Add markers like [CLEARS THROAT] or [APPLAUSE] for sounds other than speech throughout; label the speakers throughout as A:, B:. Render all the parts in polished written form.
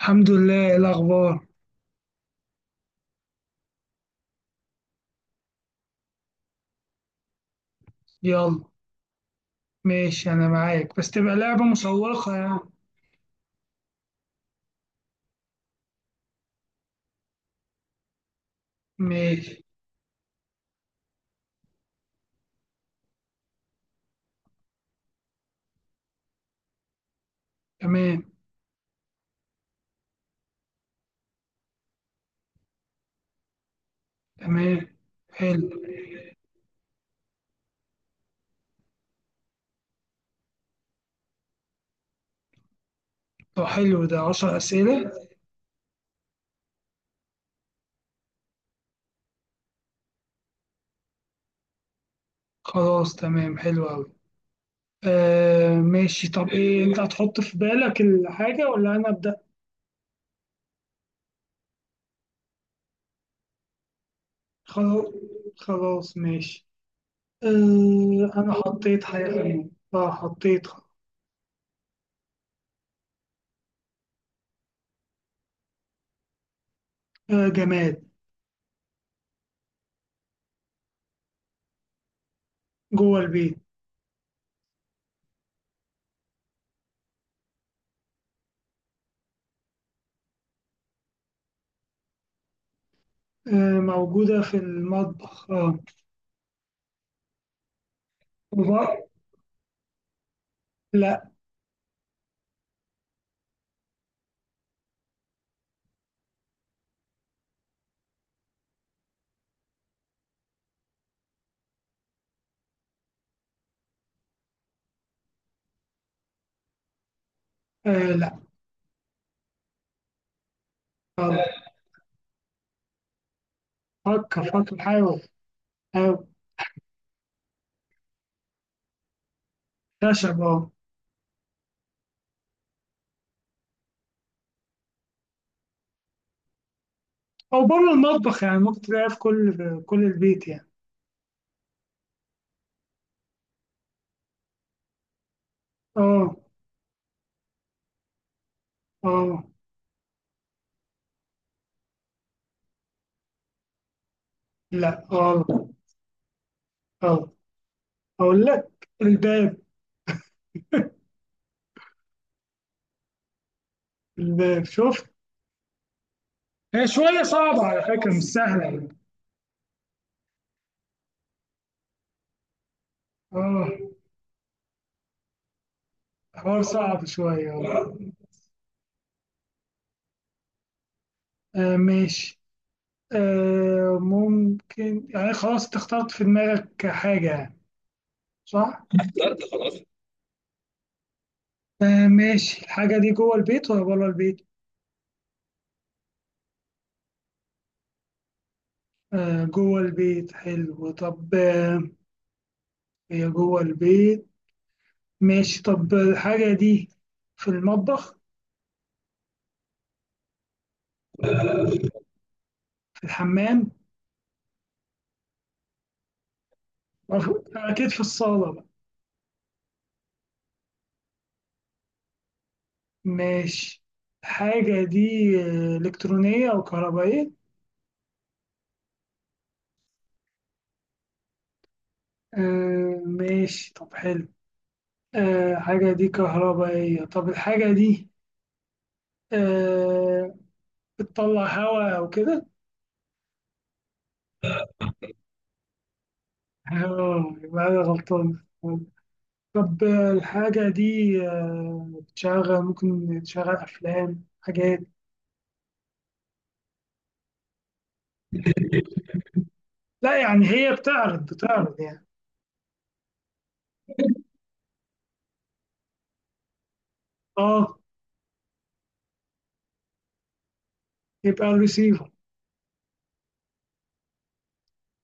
A: الحمد لله. إيه الأخبار؟ يلا. ماشي، أنا معاك، بس تبقى لعبة مشوقة يعني. ماشي. تمام. تمام، حلو. طب حلو، ده 10 أسئلة. خلاص، تمام، حلو أوي. آه، ماشي، طب إيه، أنت هتحط في بالك الحاجة ولا أنا أبدأ؟ خلاص. خلاص، ماشي. آه، أنا حطيت حاجة في دماغي. آه، حطيت. آه، جماد. جوه البيت. آه، موجودة في المطبخ، وب- لا. آه، لا. فكر، فكر، حاول. حاول. خشب، اه. او بره المطبخ يعني، ممكن تلاقيها في كل البيت يعني. اه. اه. لا، غلط. اه. اقول لك الباب. الباب، شوف. هي شوية صعبة على فكرة، مش سهلة يعني. اه، حوار صعب شوية، آه. آه، ماشي. ممكن يعني، خلاص انت اخترت في دماغك حاجة يعني، صح؟ آه، ماشي، الحاجة دي جوه البيت ولا بره البيت؟ آه، جوه البيت حلو. طب هي جوه البيت. ماشي، طب الحاجة دي في المطبخ؟ في الحمام؟ وف- أكيد في الصالة بقى. ماشي. الحاجة دي آه، إلكترونية أو كهربائية؟ آه، ماشي، طب حلو. آه، الحاجة دي كهربائية. طب الحاجة دي آه، بتطلع هواء أو كده؟ اه، يبقى أنا غلطان. طب آه، الحاجة دي آه، بتشغل، ممكن تشغل أفلام، حاجات؟ لا يعني، هي بتعرض يعني. اه، يبقى الريسيفر؟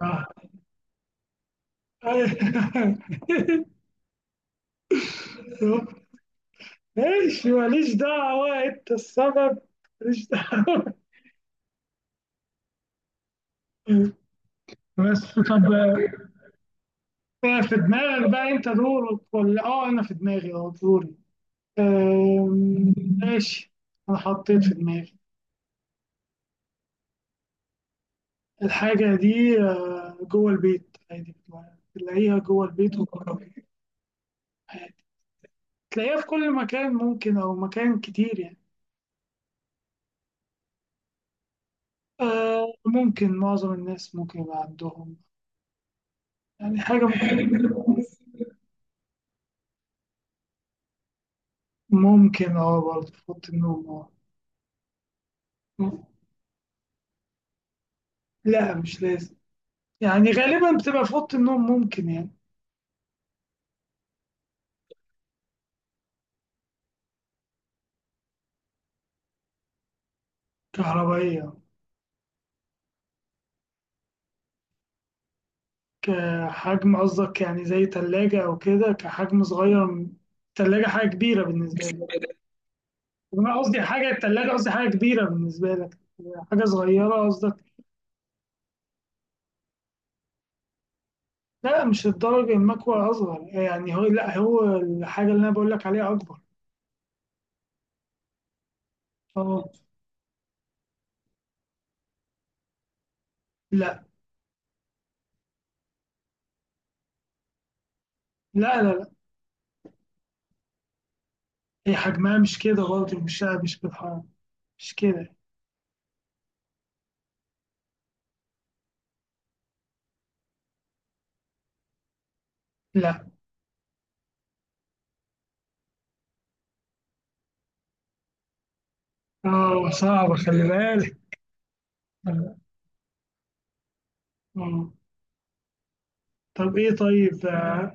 A: اه. [LAUGHS] ماشي، ماليش دعوة، انت السبب. ماليش دعوة. بس طب. آه، في دماغك بقى، انت دورك ولا انا في دماغي؟ اه، دوري. آم، ماشي. انا حطيت في دماغي. الحاجة دي آه، جوه البيت عادي. بتلاقيها جوه البيت وبره البيت عادي. تلاقيها في كل مكان ممكن او مكان كتير يعني. آه، ممكن، معظم الناس ممكن يبقى عندهم، يعني حاجة ممكن اه، برضه في أوضة النوم، اه. لا، مش لازم. يعني غالبا بتبقى في أوضة النوم، ممكن يعني. كهربائية. كحجم قصدك يعني زي تلاجة أو كده، كحجم صغير تلاجة. حاجة كبيرة بالنسبة لي. أنا قصدي حاجة، التلاجة قصدي حاجة كبيرة بالنسبة لك. حاجة صغيرة قصدك؟ لا، مش الدرجة، المكوى أصغر يعني هو، لا هو الحاجة اللي أنا بقول لك عليها أكبر. اه. لا لا لا. لا، هي حجمها مش كده برضه، مش بالحرام. مش كده. لا. اه، صعبة، خلي بالك. اه. آه. طب ايه طيب؟ آه.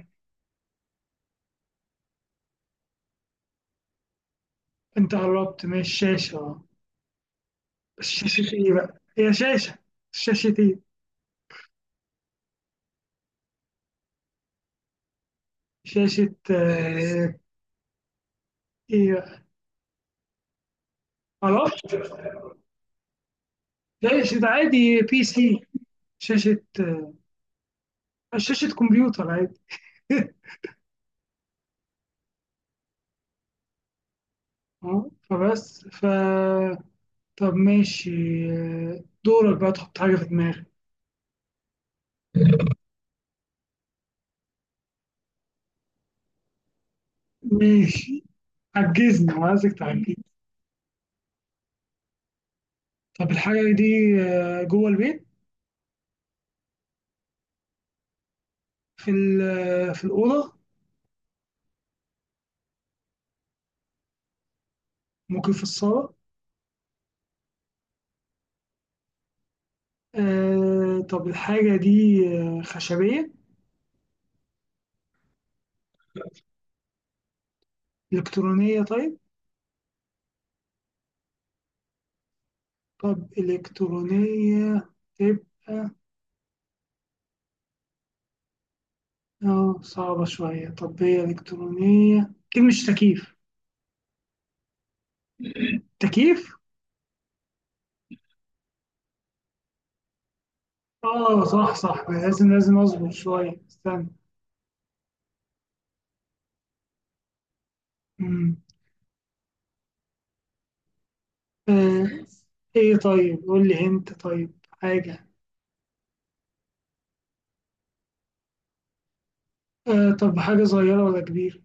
A: انت قربت من الشاشة، اه. بس شاشة ايه بقى؟ هي شاشة. شاشة ايه؟ شاشة، آه. ايه بقى؟ معرفش. شاشة عادي، PC. شاشة، آه. شاشة كمبيوتر عادي. [LAUGHS] اه، فبس، طب، ماشي. آه، دورك بقى تحط حاجة في دماغك. ماشي، عجزني وعايزك تعجزني. طب الحاجة دي آه، جوه البيت؟ في ال- آه، في الأوضة؟ ممكن في الصالة؟ آه، طب الحاجة دي آه، خشبية؟ إلكترونية، طيب. طب إلكترونية تبقى. اه، صعبة شوية، طب هي إلكترونية، أكيد مش تكييف؟ تكييف؟ اه، صح صح، لازم لازم أصبر شوية، استنى. مم. آه، ايه طيب، قول لي انت طيب حاجة. آه، طب حاجة صغيرة ولا كبيرة؟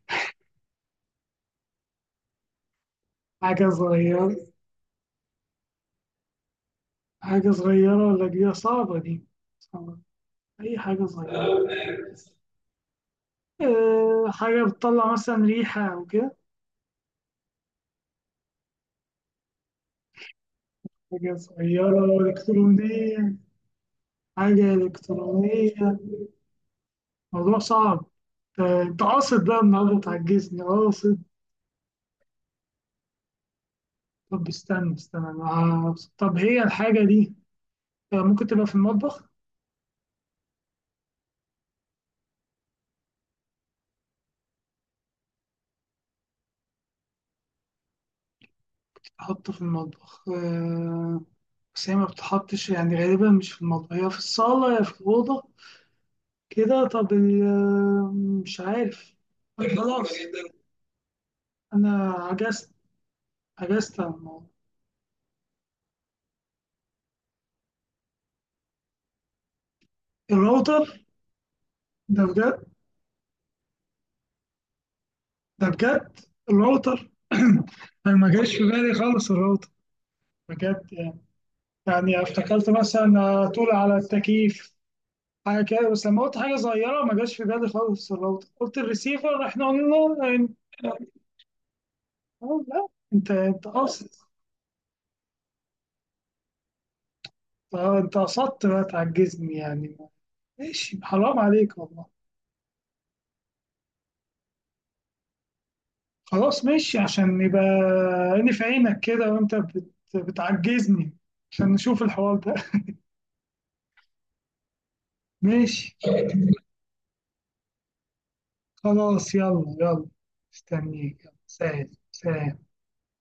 A: حاجة صغيرة. حاجة صغيرة ولا كبيرة، صعبة دي. صعبة. أي حاجة صغيرة؟ أه، حاجة بتطلع مثلا ريحة أو كده؟ حاجة صغيرة إلكترونية. حاجة إلكترونية. موضوع صعب. أنت قاصد بقى النهاردة تعجزني، قاصد. طب استنى، استنى، أنا طب هي الحاجة دي أه، ممكن تبقى في المطبخ؟ أحط في المطبخ، أه. بس هي ما بتحطش يعني، غالبا مش في المطبخ، هي في الصالة يا في الأوضة كده. طب مش عارف. طيب، خلاص، انا عجزت. عجزت عن الموضوع. الراوتر؟ ده بجد؟ ده بجد. الراوتر. [CLEARS THROAT] انا ما جاش في بالي خالص الراوتر. بجد يعني. يعني افتكرت مثلا طول على التكييف، حاجه كده، بس لما قلت حاجه صغيره ما جاش في بالي خالص الراوتر، قلت الريسيفر احنا قلنا. أه، لا. انت قاصد. أه، انت قصدت بقى تعجزني يعني. ماشي، حرام عليك والله. خلاص، ماشي، عشان يبقى عيني في عينك كده، وانت بتعجزني، عشان نشوف الحوار ده. [LAUGHS] ماشي. خلاص، يلا، يلا. استنيك، يلا، سهل سهل.